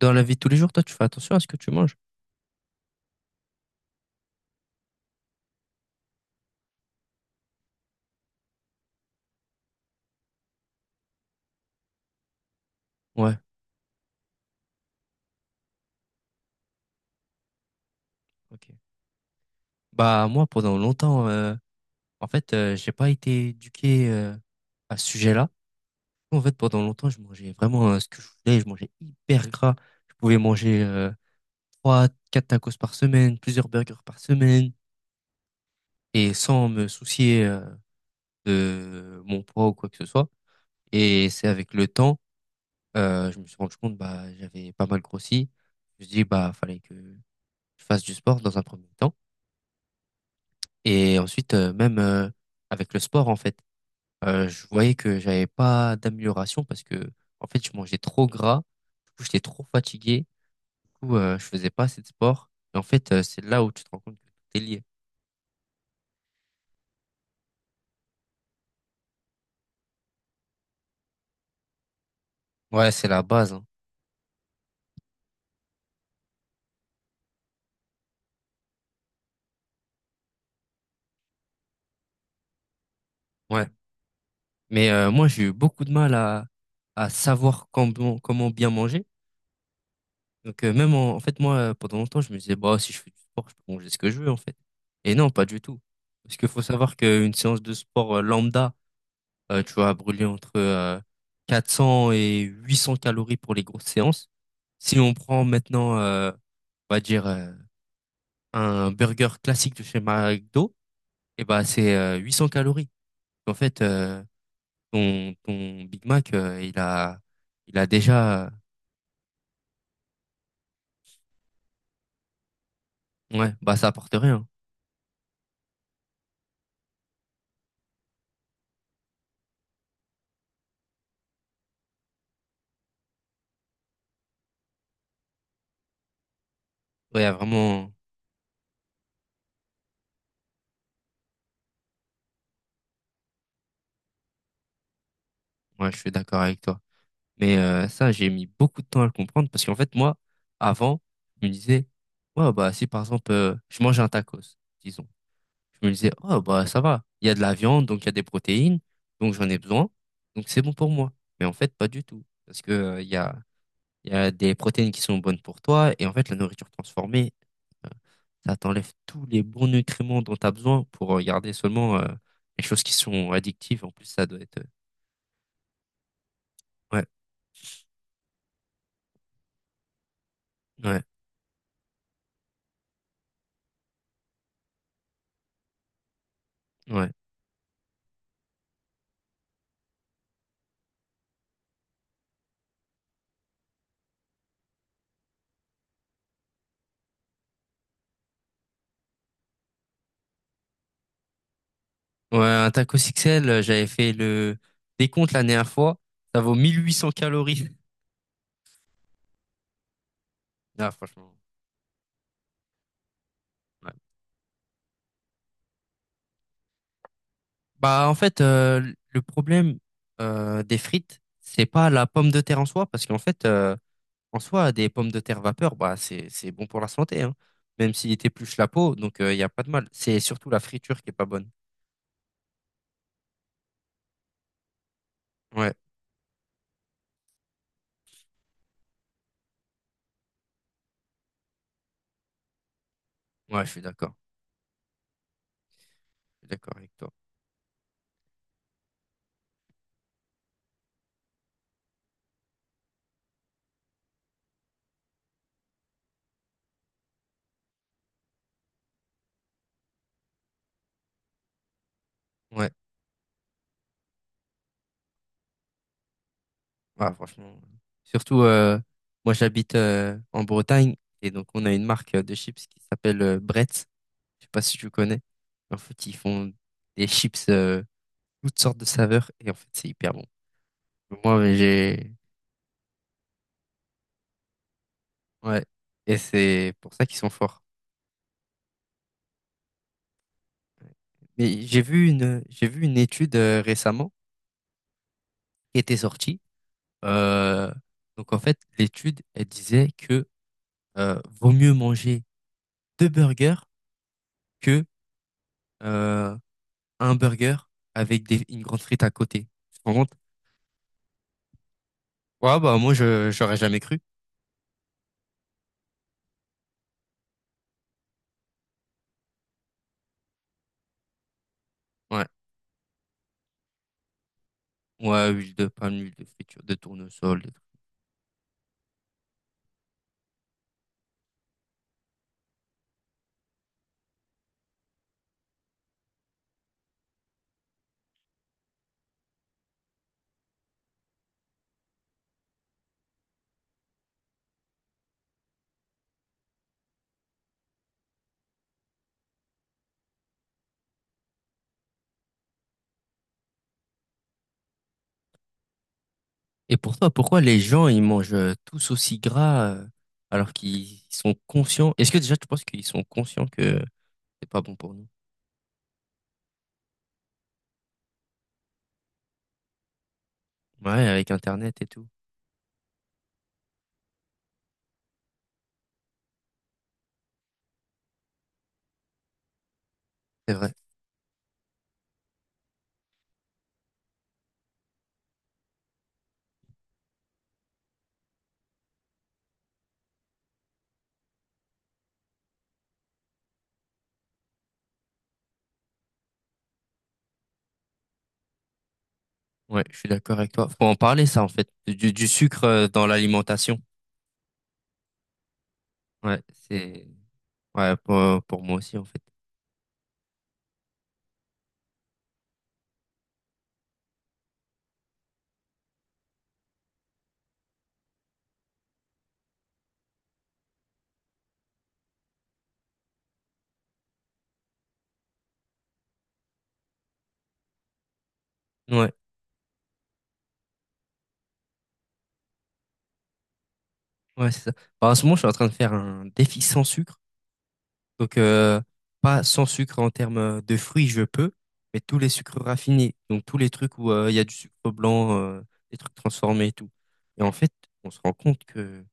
Dans la vie de tous les jours, toi, tu fais attention à ce que tu manges? Ouais, ok. Bah, moi, pendant longtemps, euh, en fait, j'ai pas été éduqué à ce sujet-là. En fait, pendant longtemps, je mangeais vraiment ce que je voulais. Je mangeais hyper gras. Je pouvais manger 3, 4 tacos par semaine, plusieurs burgers par semaine, et sans me soucier de mon poids ou quoi que ce soit. Et c'est avec le temps, je me suis rendu compte, bah, j'avais pas mal grossi. Je me suis dit, bah, fallait que je fasse du sport dans un premier temps. Et ensuite, même avec le sport, en fait, je voyais que j'avais pas d'amélioration parce que, en fait, je mangeais trop gras. Du coup, j'étais trop fatigué. Du coup, je faisais pas assez de sport. Et en fait, c'est là où tu te rends compte que tout est lié. Ouais, c'est la base, hein. Ouais. Mais moi, j'ai eu beaucoup de mal à savoir comment, comment bien manger. Donc, même en fait, moi, pendant longtemps, je me disais, bah, si je fais du sport, je peux manger ce que je veux, en fait. Et non, pas du tout. Parce qu'il faut savoir qu'une séance de sport lambda, tu vas brûler entre 400 et 800 calories pour les grosses séances. Si on prend maintenant, on va dire, un burger classique de chez McDo, eh ben c'est 800 calories. En fait, ton Big Mac, il a déjà... Ouais, bah ça apporte rien. Ouais, y a vraiment... Ouais, je suis d'accord avec toi. Mais ça, j'ai mis beaucoup de temps à le comprendre parce qu'en fait, moi, avant, je me disais, ouais, bah si par exemple, je mange un tacos, disons. Je me disais, oh, bah, ça va. Il y a de la viande, donc il y a des protéines, donc j'en ai besoin, donc c'est bon pour moi. Mais en fait, pas du tout. Parce que, il y a des protéines qui sont bonnes pour toi, et en fait, la nourriture transformée, euh, ça t'enlève tous les bons nutriments dont tu as besoin pour garder seulement, les choses qui sont addictives. En plus, ça doit être, ouais, ouais, ouais. Ouais, un taco XL, j'avais fait le décompte la dernière fois, ça vaut 1800 calories. Ah, franchement. Ouais. Bah, en fait, le problème des frites, c'est pas la pomme de terre en soi, parce qu'en fait, en soi, des pommes de terre vapeur, bah, c'est bon pour la santé, hein, même s'il t'épluche la peau, donc il n'y a pas de mal. C'est surtout la friture qui est pas bonne. Ouais, ouais, je suis d'accord. Je suis d'accord avec toi. Ouais, ouais, franchement. Surtout, moi, j'habite en Bretagne, et donc on a une marque de chips qui s'appelle Bretz. Je sais pas si tu connais. En fait, ils font des chips, toutes sortes de saveurs, et en fait, c'est hyper bon. Moi, mais j'ai ouais, et c'est pour ça qu'ils sont forts. Mais j'ai vu une étude récemment qui était sortie. Euh, donc en fait, l'étude elle disait que vaut mieux manger deux burgers que euh, un burger avec une grande frite à côté. Tu te rends compte? Ouais, bah moi je j'aurais jamais cru. Ouais, ouais huile de palme, huile de friture, de tournesol, et pour toi, pourquoi les gens, ils mangent tous aussi gras alors qu'ils sont conscients? Est-ce que déjà tu penses qu'ils sont conscients que c'est pas bon pour nous? Ouais, avec Internet et tout. C'est vrai. Ouais, je suis d'accord avec toi. Faut en parler, ça, en fait. Du sucre dans l'alimentation. Ouais, c'est... Ouais, pour moi aussi, en fait. Ouais, ouais, c'est ça. Bah, en ce moment, je suis en train de faire un défi sans sucre. Donc, pas sans sucre en termes de fruits, je peux, mais tous les sucres raffinés, donc tous les trucs où il y a du sucre blanc, des trucs transformés et tout. Et en fait, on se rend compte que,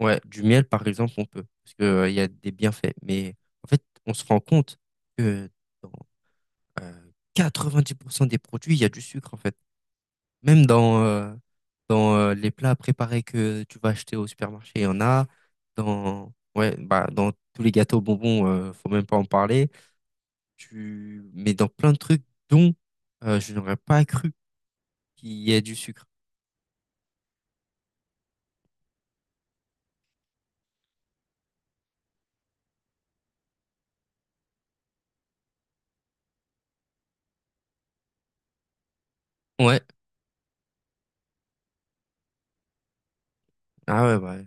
ouais, du miel, par exemple, on peut, parce que, il y a des bienfaits. Mais en fait, on se rend compte que dans euh, 90% des produits, il y a du sucre, en fait. Même dans, dans les plats préparés que tu vas acheter au supermarché, il y en a. Dans, ouais, bah, dans tous les gâteaux bonbons, faut même pas en parler, tu mets dans plein de trucs dont je n'aurais pas cru qu'il y ait du sucre. Ouais. Ah ouais, bah.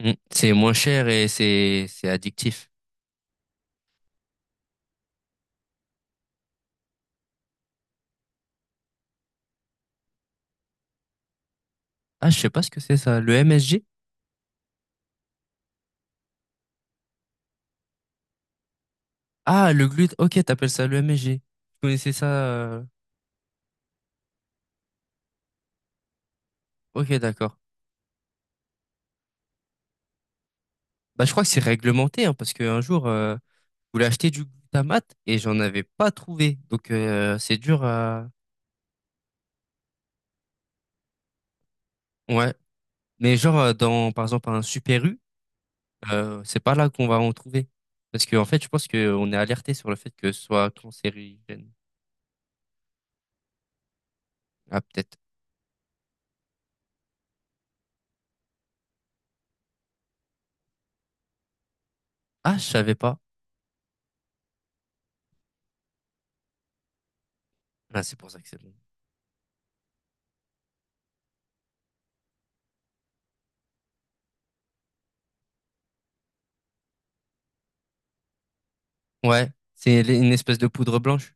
Mm. C'est moins cher et c'est addictif. Ah, je sais pas ce que c'est ça. Le MSG? Ah, le gluten. Ok, t'appelles ça le MSG. Je connaissais ça. Ok, d'accord. Bah, je crois que c'est réglementé, hein, parce qu'un jour, je voulais acheter du glutamate et j'en avais pas trouvé. Donc, c'est dur à... Ouais. Mais genre, dans, par exemple, un Super U, c'est pas là qu'on va en trouver. Parce que, en fait, je pense qu'on est alerté sur le fait que ce soit cancérigène. Ah, peut-être. Ah, je savais pas. Ah, c'est pour ça que c'est bon. Ouais, c'est l- une espèce de poudre blanche.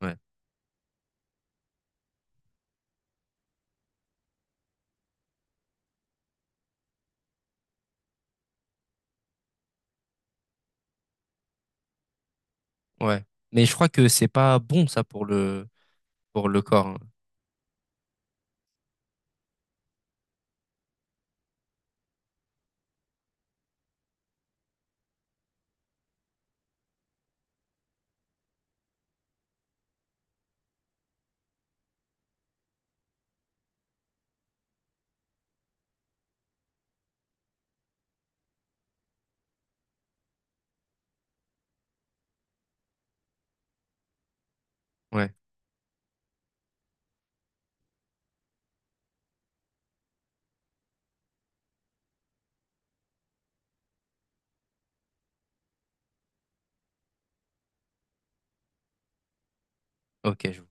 Ouais, ouais. Mais je crois que c'est pas bon, ça, pour le corps. Hein. Ouais, ok, je